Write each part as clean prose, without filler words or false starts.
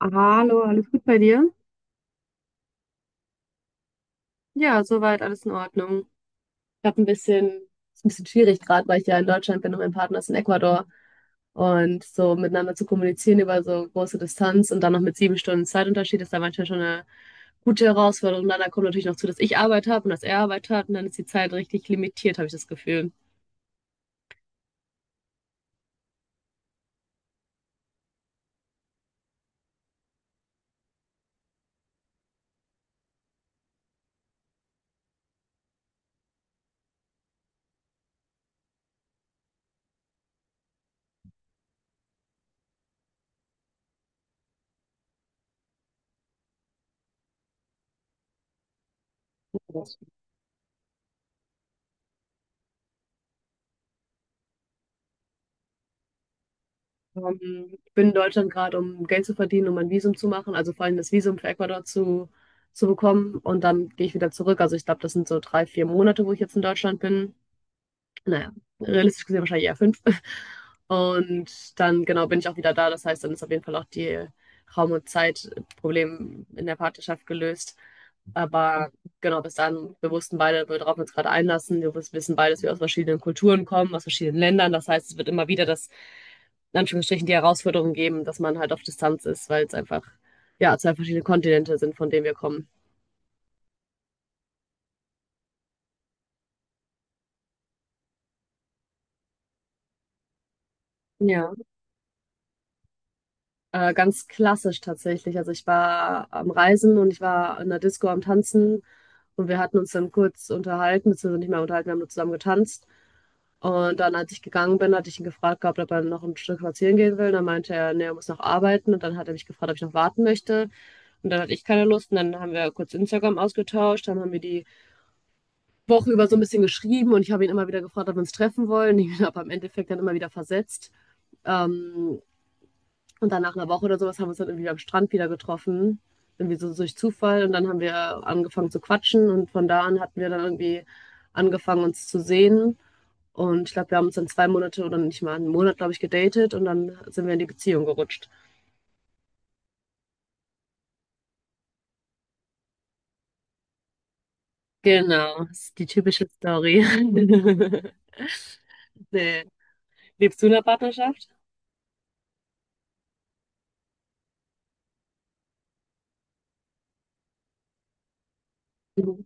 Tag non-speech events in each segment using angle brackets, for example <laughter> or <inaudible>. Hallo, alles gut bei dir? Ja, soweit alles in Ordnung. Ich habe ein bisschen, Ist ein bisschen schwierig gerade, weil ich ja in Deutschland bin und mein Partner ist in Ecuador. Und so miteinander zu kommunizieren über so große Distanz und dann noch mit 7 Stunden Zeitunterschied ist da manchmal schon eine gute Herausforderung. Und dann kommt natürlich noch zu, dass ich Arbeit habe und dass er Arbeit hat und dann ist die Zeit richtig limitiert, habe ich das Gefühl. Ich bin in Deutschland gerade, um Geld zu verdienen, um ein Visum zu machen, also vor allem das Visum für Ecuador zu bekommen. Und dann gehe ich wieder zurück. Also ich glaube, das sind so 3, 4 Monate, wo ich jetzt in Deutschland bin. Naja, realistisch gesehen wahrscheinlich eher fünf. <laughs> Und dann, genau, bin ich auch wieder da. Das heißt, dann ist auf jeden Fall auch die Raum- und Zeitproblem in der Partnerschaft gelöst. Aber genau, bis dann, wir wussten beide, worauf wir uns gerade einlassen. Wissen beide, dass wir aus verschiedenen Kulturen kommen, aus verschiedenen Ländern. Das heißt, es wird immer wieder das in Anführungsstrichen die Herausforderung geben, dass man halt auf Distanz ist, weil es einfach, ja, zwei verschiedene Kontinente sind, von denen wir kommen. Ja, ganz klassisch tatsächlich. Also ich war am Reisen und ich war in der Disco am Tanzen und wir hatten uns dann kurz unterhalten, beziehungsweise nicht mehr unterhalten, wir haben nur zusammen getanzt. Und dann, als ich gegangen bin, hatte ich ihn gefragt gehabt, ob er noch ein Stück spazieren gehen will. Dann meinte er, nee, er muss noch arbeiten. Und dann hat er mich gefragt, ob ich noch warten möchte. Und dann hatte ich keine Lust. Und dann haben wir kurz Instagram ausgetauscht, dann haben wir die Woche über so ein bisschen geschrieben und ich habe ihn immer wieder gefragt, ob wir uns treffen wollen. Ich habe am Endeffekt dann immer wieder versetzt. Ähm, und dann nach einer Woche oder sowas haben wir uns dann irgendwie am Strand wieder getroffen. Irgendwie so durch Zufall. Und dann haben wir angefangen zu quatschen und von da an hatten wir dann irgendwie angefangen, uns zu sehen. Und ich glaube, wir haben uns dann 2 Monate oder nicht mal einen Monat, glaube ich, gedatet und dann sind wir in die Beziehung gerutscht. Genau, das ist die typische Story. <laughs> Nee. Lebst du in einer Partnerschaft? Mhm.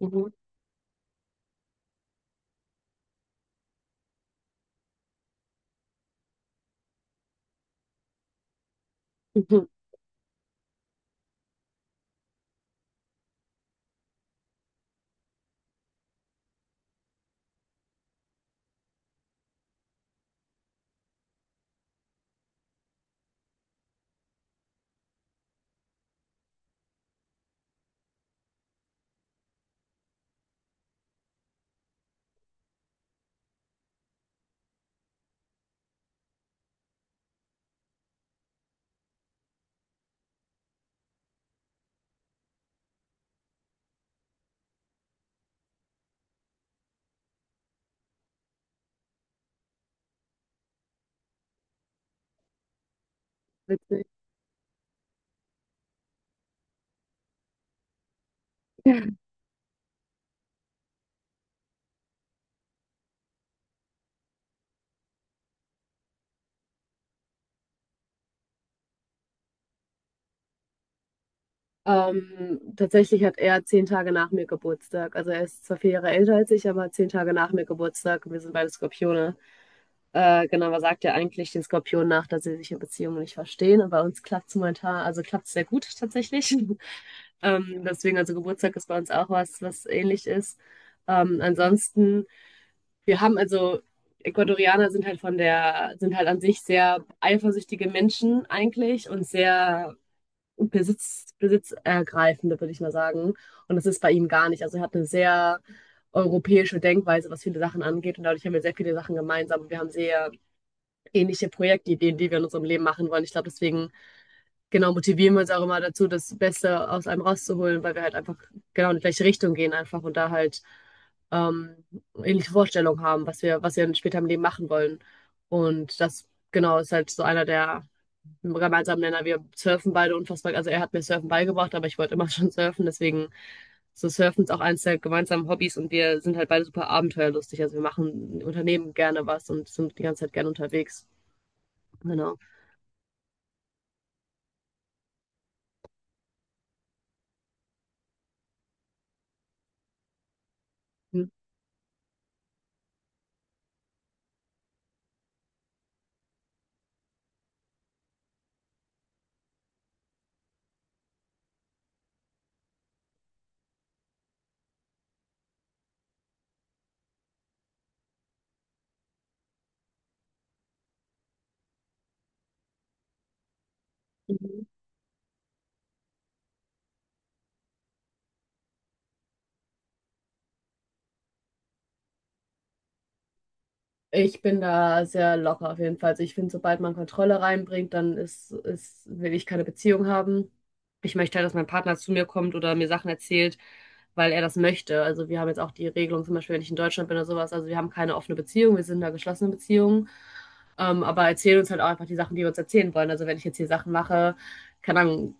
Mhm. Mhm. Witzig. Tatsächlich hat er 10 Tage nach mir Geburtstag. Also er ist zwar 4 Jahre älter als ich, aber 10 Tage nach mir Geburtstag. Und wir sind beide Skorpione. Genau, man sagt ja eigentlich den Skorpionen nach, dass sie sich in Beziehungen nicht verstehen. Und bei uns klappt es momentan, also klappt es sehr gut tatsächlich. <laughs> Deswegen, also Geburtstag ist bei uns auch was, was ähnlich ist. Ansonsten, wir haben also, Ecuadorianer sind halt von der, sind halt an sich sehr eifersüchtige Menschen eigentlich und sehr besitzergreifende, würde ich mal sagen. Und das ist bei ihm gar nicht. Also er hat eine sehr europäische Denkweise, was viele Sachen angeht. Und dadurch haben wir sehr viele Sachen gemeinsam. Und wir haben sehr ähnliche Projektideen, die wir in unserem Leben machen wollen. Ich glaube, deswegen genau motivieren wir uns auch immer dazu, das Beste aus einem rauszuholen, weil wir halt einfach genau in die gleiche Richtung gehen einfach und da halt ähm, ähnliche Vorstellungen haben, was wir dann später im Leben machen wollen. Und das genau ist halt so einer der gemeinsamen Nenner. Wir surfen beide unfassbar. Also er hat mir Surfen beigebracht, aber ich wollte immer <laughs> schon surfen. Deswegen so Surfen ist auch eins der gemeinsamen Hobbys und wir sind halt beide super abenteuerlustig. Also wir machen, unternehmen gerne was und sind die ganze Zeit gerne unterwegs. Genau. Hm. Ich bin da sehr locker auf jeden Fall. Also ich finde, sobald man Kontrolle reinbringt, dann will ich keine Beziehung haben. Ich möchte halt, dass mein Partner zu mir kommt oder mir Sachen erzählt, weil er das möchte. Also wir haben jetzt auch die Regelung, zum Beispiel, wenn ich in Deutschland bin oder sowas, also wir haben keine offene Beziehung, wir sind da geschlossenen Beziehung. Aber erzählen uns halt auch einfach die Sachen, die wir uns erzählen wollen. Also wenn ich jetzt hier Sachen mache, keine Ahnung,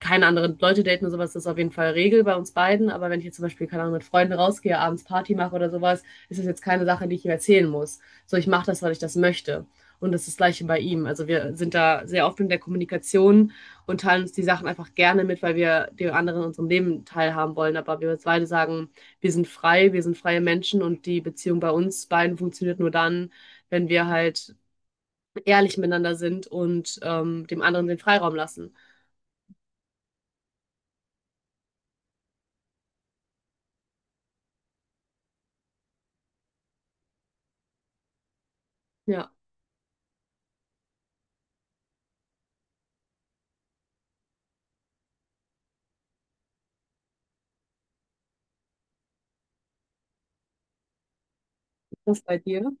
keine anderen Leute daten oder sowas, das ist auf jeden Fall Regel bei uns beiden. Aber wenn ich jetzt zum Beispiel, keine Ahnung, mit Freunden rausgehe, abends Party mache oder sowas, ist das jetzt keine Sache, die ich ihm erzählen muss so ich mache das, weil ich das möchte. Und das ist das Gleiche bei ihm. Also wir sind da sehr offen in der Kommunikation und teilen uns die Sachen einfach gerne mit, weil wir den anderen in unserem Leben teilhaben wollen. Aber wir beide sagen, wir sind frei, wir sind freie Menschen und die Beziehung bei uns beiden funktioniert nur dann, wenn wir halt ehrlich miteinander sind und dem anderen den Freiraum lassen. Ja, das bei dir.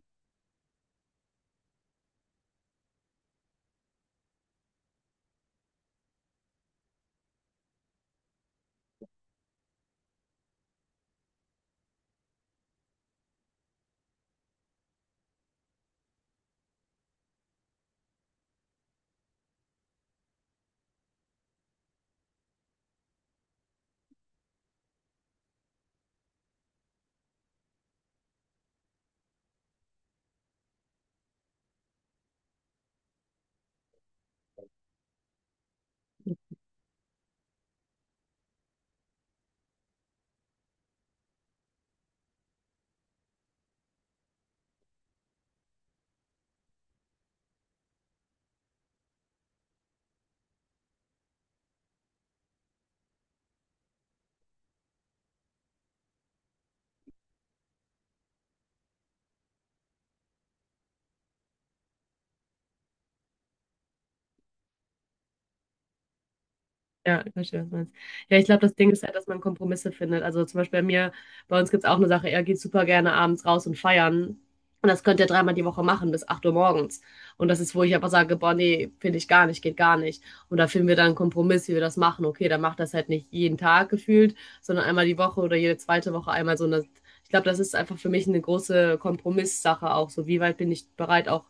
Ja, ich verstehe, was du meinst. Ja, ich glaube, das Ding ist halt, dass man Kompromisse findet. Also zum Beispiel bei mir, bei uns gibt es auch eine Sache, er geht super gerne abends raus und feiern. Und das könnt ihr dreimal die Woche machen, bis 8 Uhr morgens. Und das ist, wo ich aber sage, boah, nee, finde ich gar nicht, geht gar nicht. Und da finden wir dann einen Kompromiss, wie wir das machen. Okay, dann macht das halt nicht jeden Tag gefühlt, sondern einmal die Woche oder jede zweite Woche einmal so eine. Ich glaube, das ist einfach für mich eine große Kompromisssache auch. So, wie weit bin ich bereit auch,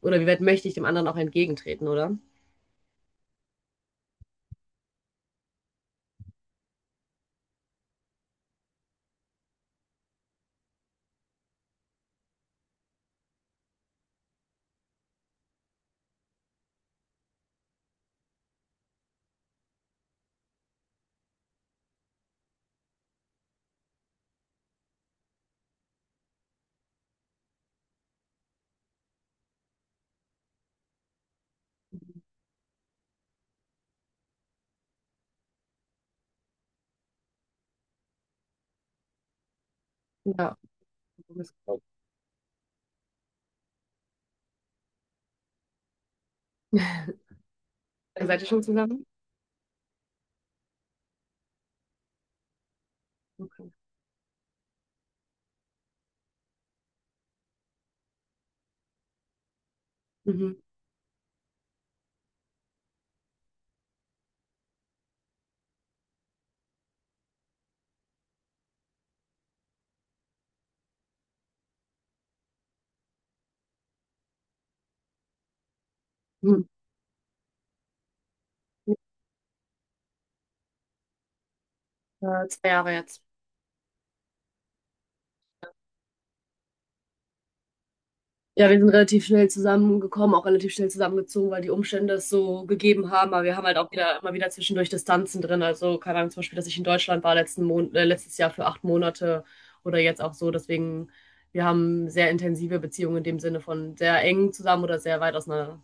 oder wie weit möchte ich dem anderen auch entgegentreten, oder? Ja, <laughs> Kompromiss. Seid ihr schon zusammen? Mhm. Mhm. 2 Jahre jetzt. Ja, wir sind relativ schnell zusammengekommen, auch relativ schnell zusammengezogen, weil die Umstände es so gegeben haben. Aber wir haben halt auch wieder immer wieder zwischendurch Distanzen drin. Also, keine Ahnung, zum Beispiel, dass ich in Deutschland war letzten Mon letztes Jahr für 8 Monate oder jetzt auch so. Deswegen, wir haben sehr intensive Beziehungen in dem Sinne von sehr eng zusammen oder sehr weit auseinander.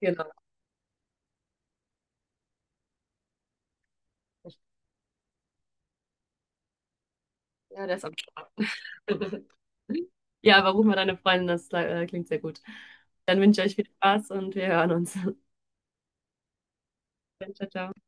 Genau. Ja, der ist am Start. <laughs> Ja, aber ruf mal deine Freundin, das klingt sehr gut. Dann wünsche ich euch viel Spaß und wir hören uns. <laughs> Ciao, ciao.